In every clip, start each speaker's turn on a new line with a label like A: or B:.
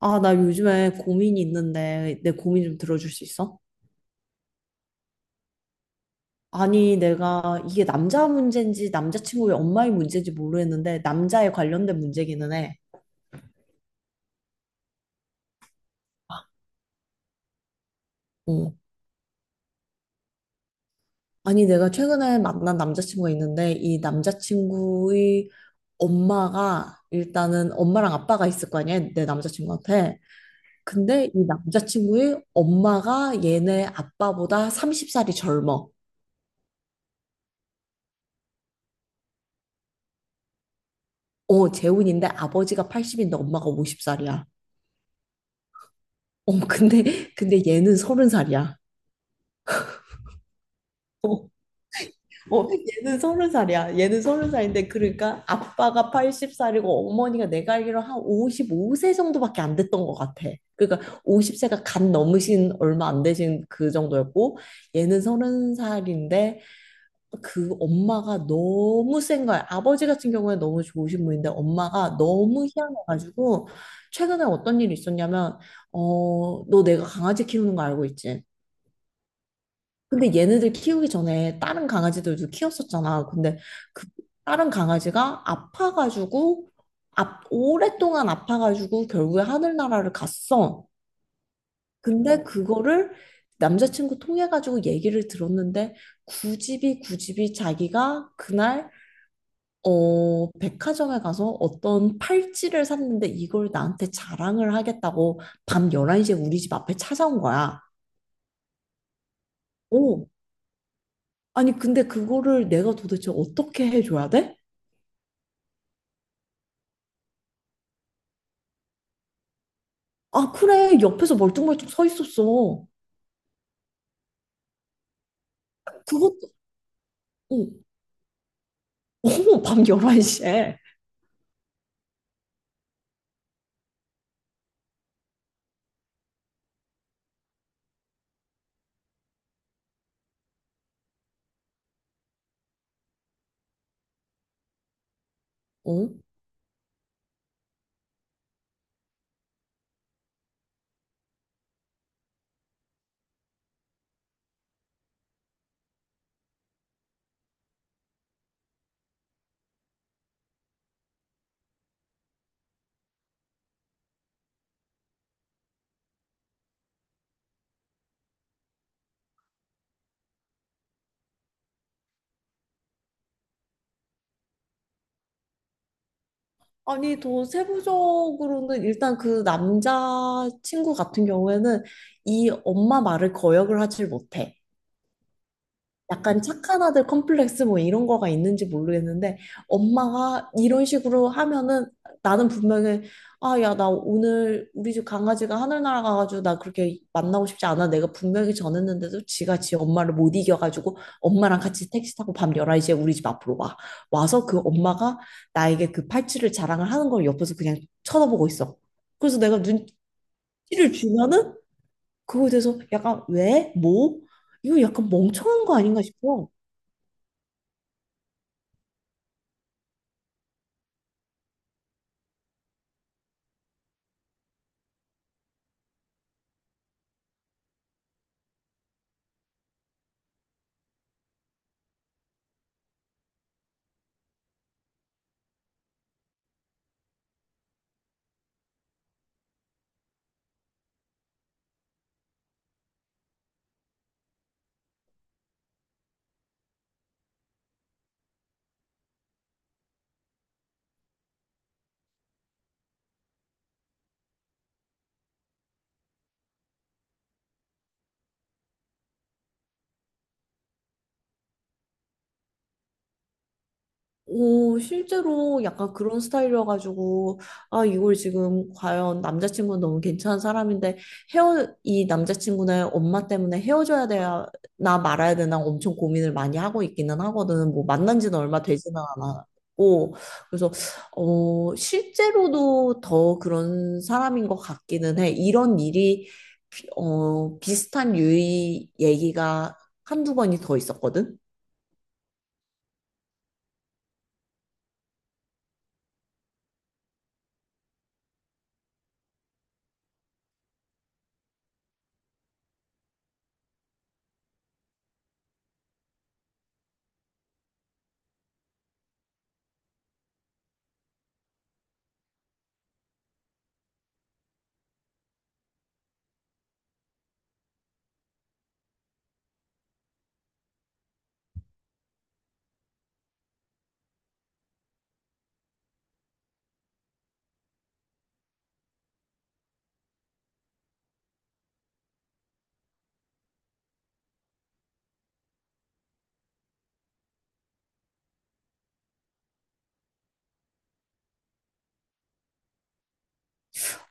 A: 아, 나 요즘에 고민이 있는데 내 고민 좀 들어줄 수 있어? 아니, 내가 이게 남자 문제인지 남자친구의 엄마의 문제인지 모르겠는데 남자에 관련된 문제기는 해. 어. 아니, 내가 최근에 만난 남자친구가 있는데 이 남자친구의 엄마가 일단은 엄마랑 아빠가 있을 거 아니야, 내 남자친구한테. 근데 이 남자친구의 엄마가 얘네 아빠보다 30살이 젊어. 어, 재혼인데 아버지가 80인데 엄마가 50살이야. 어, 근데 얘는 서른 살이야. 어, 어, 얘는 서른 살이야. 얘는 서른 살인데, 그러니까 아빠가 80살이고 어머니가 내가 알기로 한 55세 정도밖에 안 됐던 것 같아. 그러니까 50세가 갓 넘으신 얼마 안 되신 그 정도였고, 얘는 서른 살인데, 그 엄마가 너무 센 거야. 아버지 같은 경우에 너무 좋으신 분인데, 엄마가 너무 희한해가지고, 최근에 어떤 일이 있었냐면, 너 내가 강아지 키우는 거 알고 있지? 근데 얘네들 키우기 전에 다른 강아지들도 키웠었잖아. 근데 그 다른 강아지가 아파가지고, 아, 오랫동안 아파가지고 결국에 하늘나라를 갔어. 근데 그거를 남자친구 통해가지고 얘기를 들었는데 굳이 굳이 자기가 그날 백화점에 가서 어떤 팔찌를 샀는데 이걸 나한테 자랑을 하겠다고 밤 11시에 우리 집 앞에 찾아온 거야. 오, 아니, 근데 그거를 내가 도대체 어떻게 해줘야 돼? 아, 그래. 옆에서 멀뚱멀뚱 서 있었어. 그것도, 어, 밤 11시에. 어? 아니, 더 세부적으로는 일단 그 남자 친구 같은 경우에는 이 엄마 말을 거역을 하질 못해. 약간 착한 아들 컴플렉스 뭐 이런 거가 있는지 모르겠는데 엄마가 이런 식으로 하면은 나는 분명히, 아, 야, 나 오늘 우리 집 강아지가 하늘 날아가가지고 나 그렇게 만나고 싶지 않아. 내가 분명히 전했는데도 지가 지 엄마를 못 이겨가지고 엄마랑 같이 택시 타고 밤 11시에 우리 집 앞으로 와. 와서 그 엄마가 나에게 그 팔찌를 자랑을 하는 걸 옆에서 그냥 쳐다보고 있어. 그래서 내가 눈치를 주면은 그거에 대해서 약간 왜? 뭐? 이거 약간 멍청한 거 아닌가 싶어. 오, 실제로 약간 그런 스타일이어가지고, 아, 이걸 지금 과연 남자친구는 너무 괜찮은 사람인데, 이 남자친구는 엄마 때문에 헤어져야 되나 말아야 되나 엄청 고민을 많이 하고 있기는 하거든. 뭐, 만난 지는 얼마 되지는 않았고, 그래서, 실제로도 더 그런 사람인 것 같기는 해. 이런 일이, 비슷한 유의 얘기가 한두 번이 더 있었거든.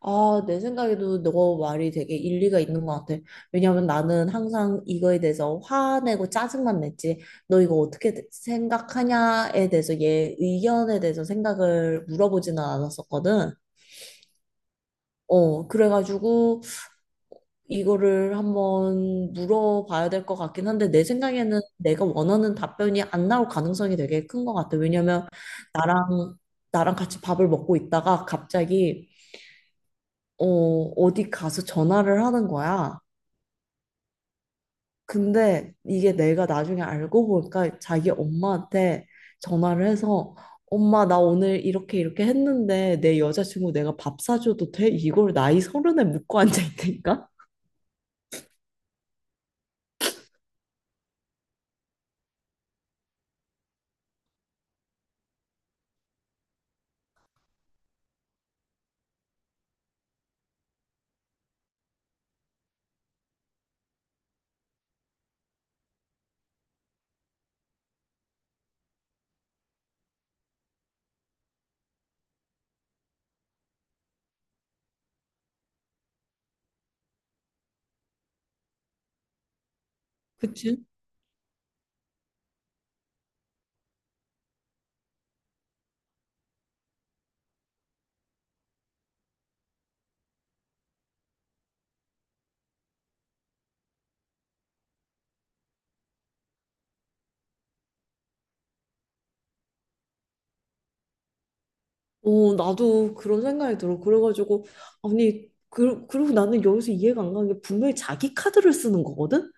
A: 아, 내 생각에도 너 말이 되게 일리가 있는 것 같아. 왜냐면 나는 항상 이거에 대해서 화내고 짜증만 냈지. 너 이거 어떻게 생각하냐에 대해서 얘 의견에 대해서 생각을 물어보지는 않았었거든. 어, 그래가지고 이거를 한번 물어봐야 될 것 같긴 한데 내 생각에는 내가 원하는 답변이 안 나올 가능성이 되게 큰 것 같아. 왜냐면 나랑 나랑 같이 밥을 먹고 있다가 갑자기 어, 어디 가서 전화를 하는 거야. 근데 이게 내가 나중에 알고 보니까 자기 엄마한테 전화를 해서, 엄마 나 오늘 이렇게 이렇게 했는데 내 여자친구 내가 밥 사줘도 돼? 이걸 나이 서른에 묻고 앉아 있다니까? 그치? 어, 나도 그런 생각이 들어. 그래가지고, 아니, 그리고 나는 여기서 이해가 안 가는 게 분명히 자기 카드를 쓰는 거거든?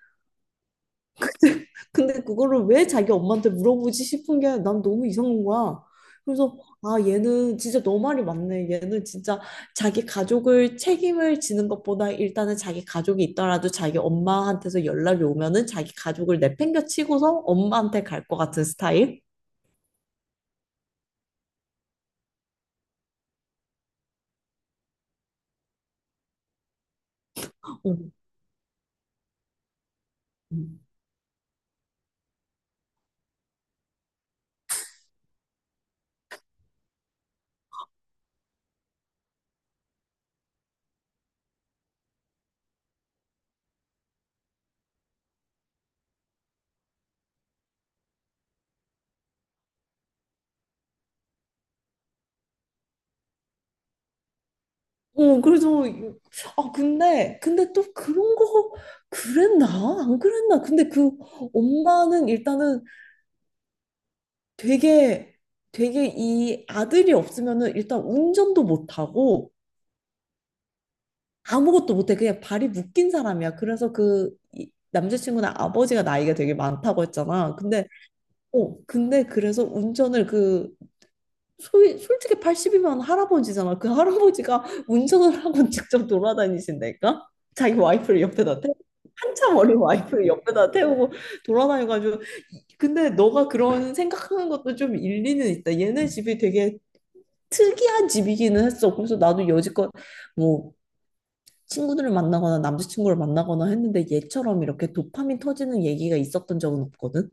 A: 근데 그거를 왜 자기 엄마한테 물어보지 싶은 게 난 너무 이상한 거야. 그래서, 아, 얘는 진짜 너 말이 맞네. 얘는 진짜 자기 가족을 책임을 지는 것보다 일단은 자기 가족이 있더라도 자기 엄마한테서 연락이 오면은 자기 가족을 내팽겨 치고서 엄마한테 갈 것 같은 스타일. 어, 어, 어, 그래서 아, 근데 또 그런 거, 그랬나? 안 그랬나? 근데 그 엄마는 일단은 되게 되게 이 아들이 없으면은 일단 운전도 못하고 아무것도 못해, 그냥 발이 묶인 사람이야. 그래서 그 남자친구는 아버지가 나이가 되게 많다고 했잖아. 근데, 그래서 운전을, 그 소위 솔직히 80이면 할아버지잖아. 그 할아버지가 운전을 하고 직접 돌아다니신다니까? 자기 와이프를 옆에다 태 한참 어린 와이프를 옆에다 태우고 돌아다녀가지고, 근데 너가 그런 생각하는 것도 좀 일리는 있다. 얘네 집이 되게 특이한 집이기는 했어. 그래서 나도 여지껏 뭐 친구들을 만나거나 남자친구를 만나거나 했는데 얘처럼 이렇게 도파민 터지는 얘기가 있었던 적은 없거든.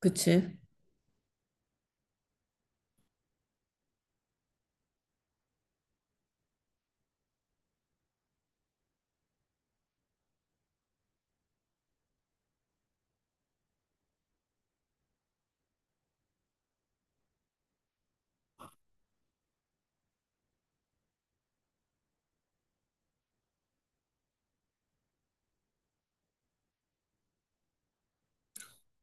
A: 그치?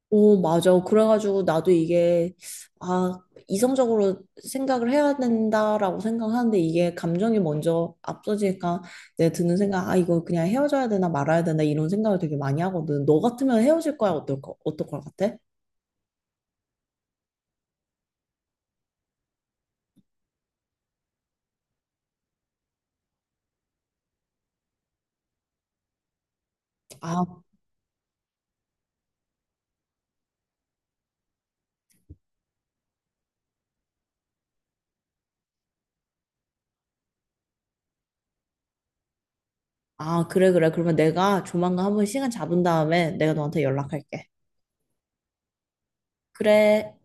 A: 오, 맞아. 그래가지고 나도 이게, 아, 이성적으로 생각을 해야 된다라고 생각하는데 이게 감정이 먼저 앞서지니까 내 드는 생각, 아, 이거 그냥 헤어져야 되나 말아야 되나 이런 생각을 되게 많이 하거든. 너 같으면 헤어질 거야? 어떨 것 같아? 아, 아, 그래, 그래. 그러면 내가 조만간 한번 시간 잡은 다음에 내가 너한테 연락할게. 그래.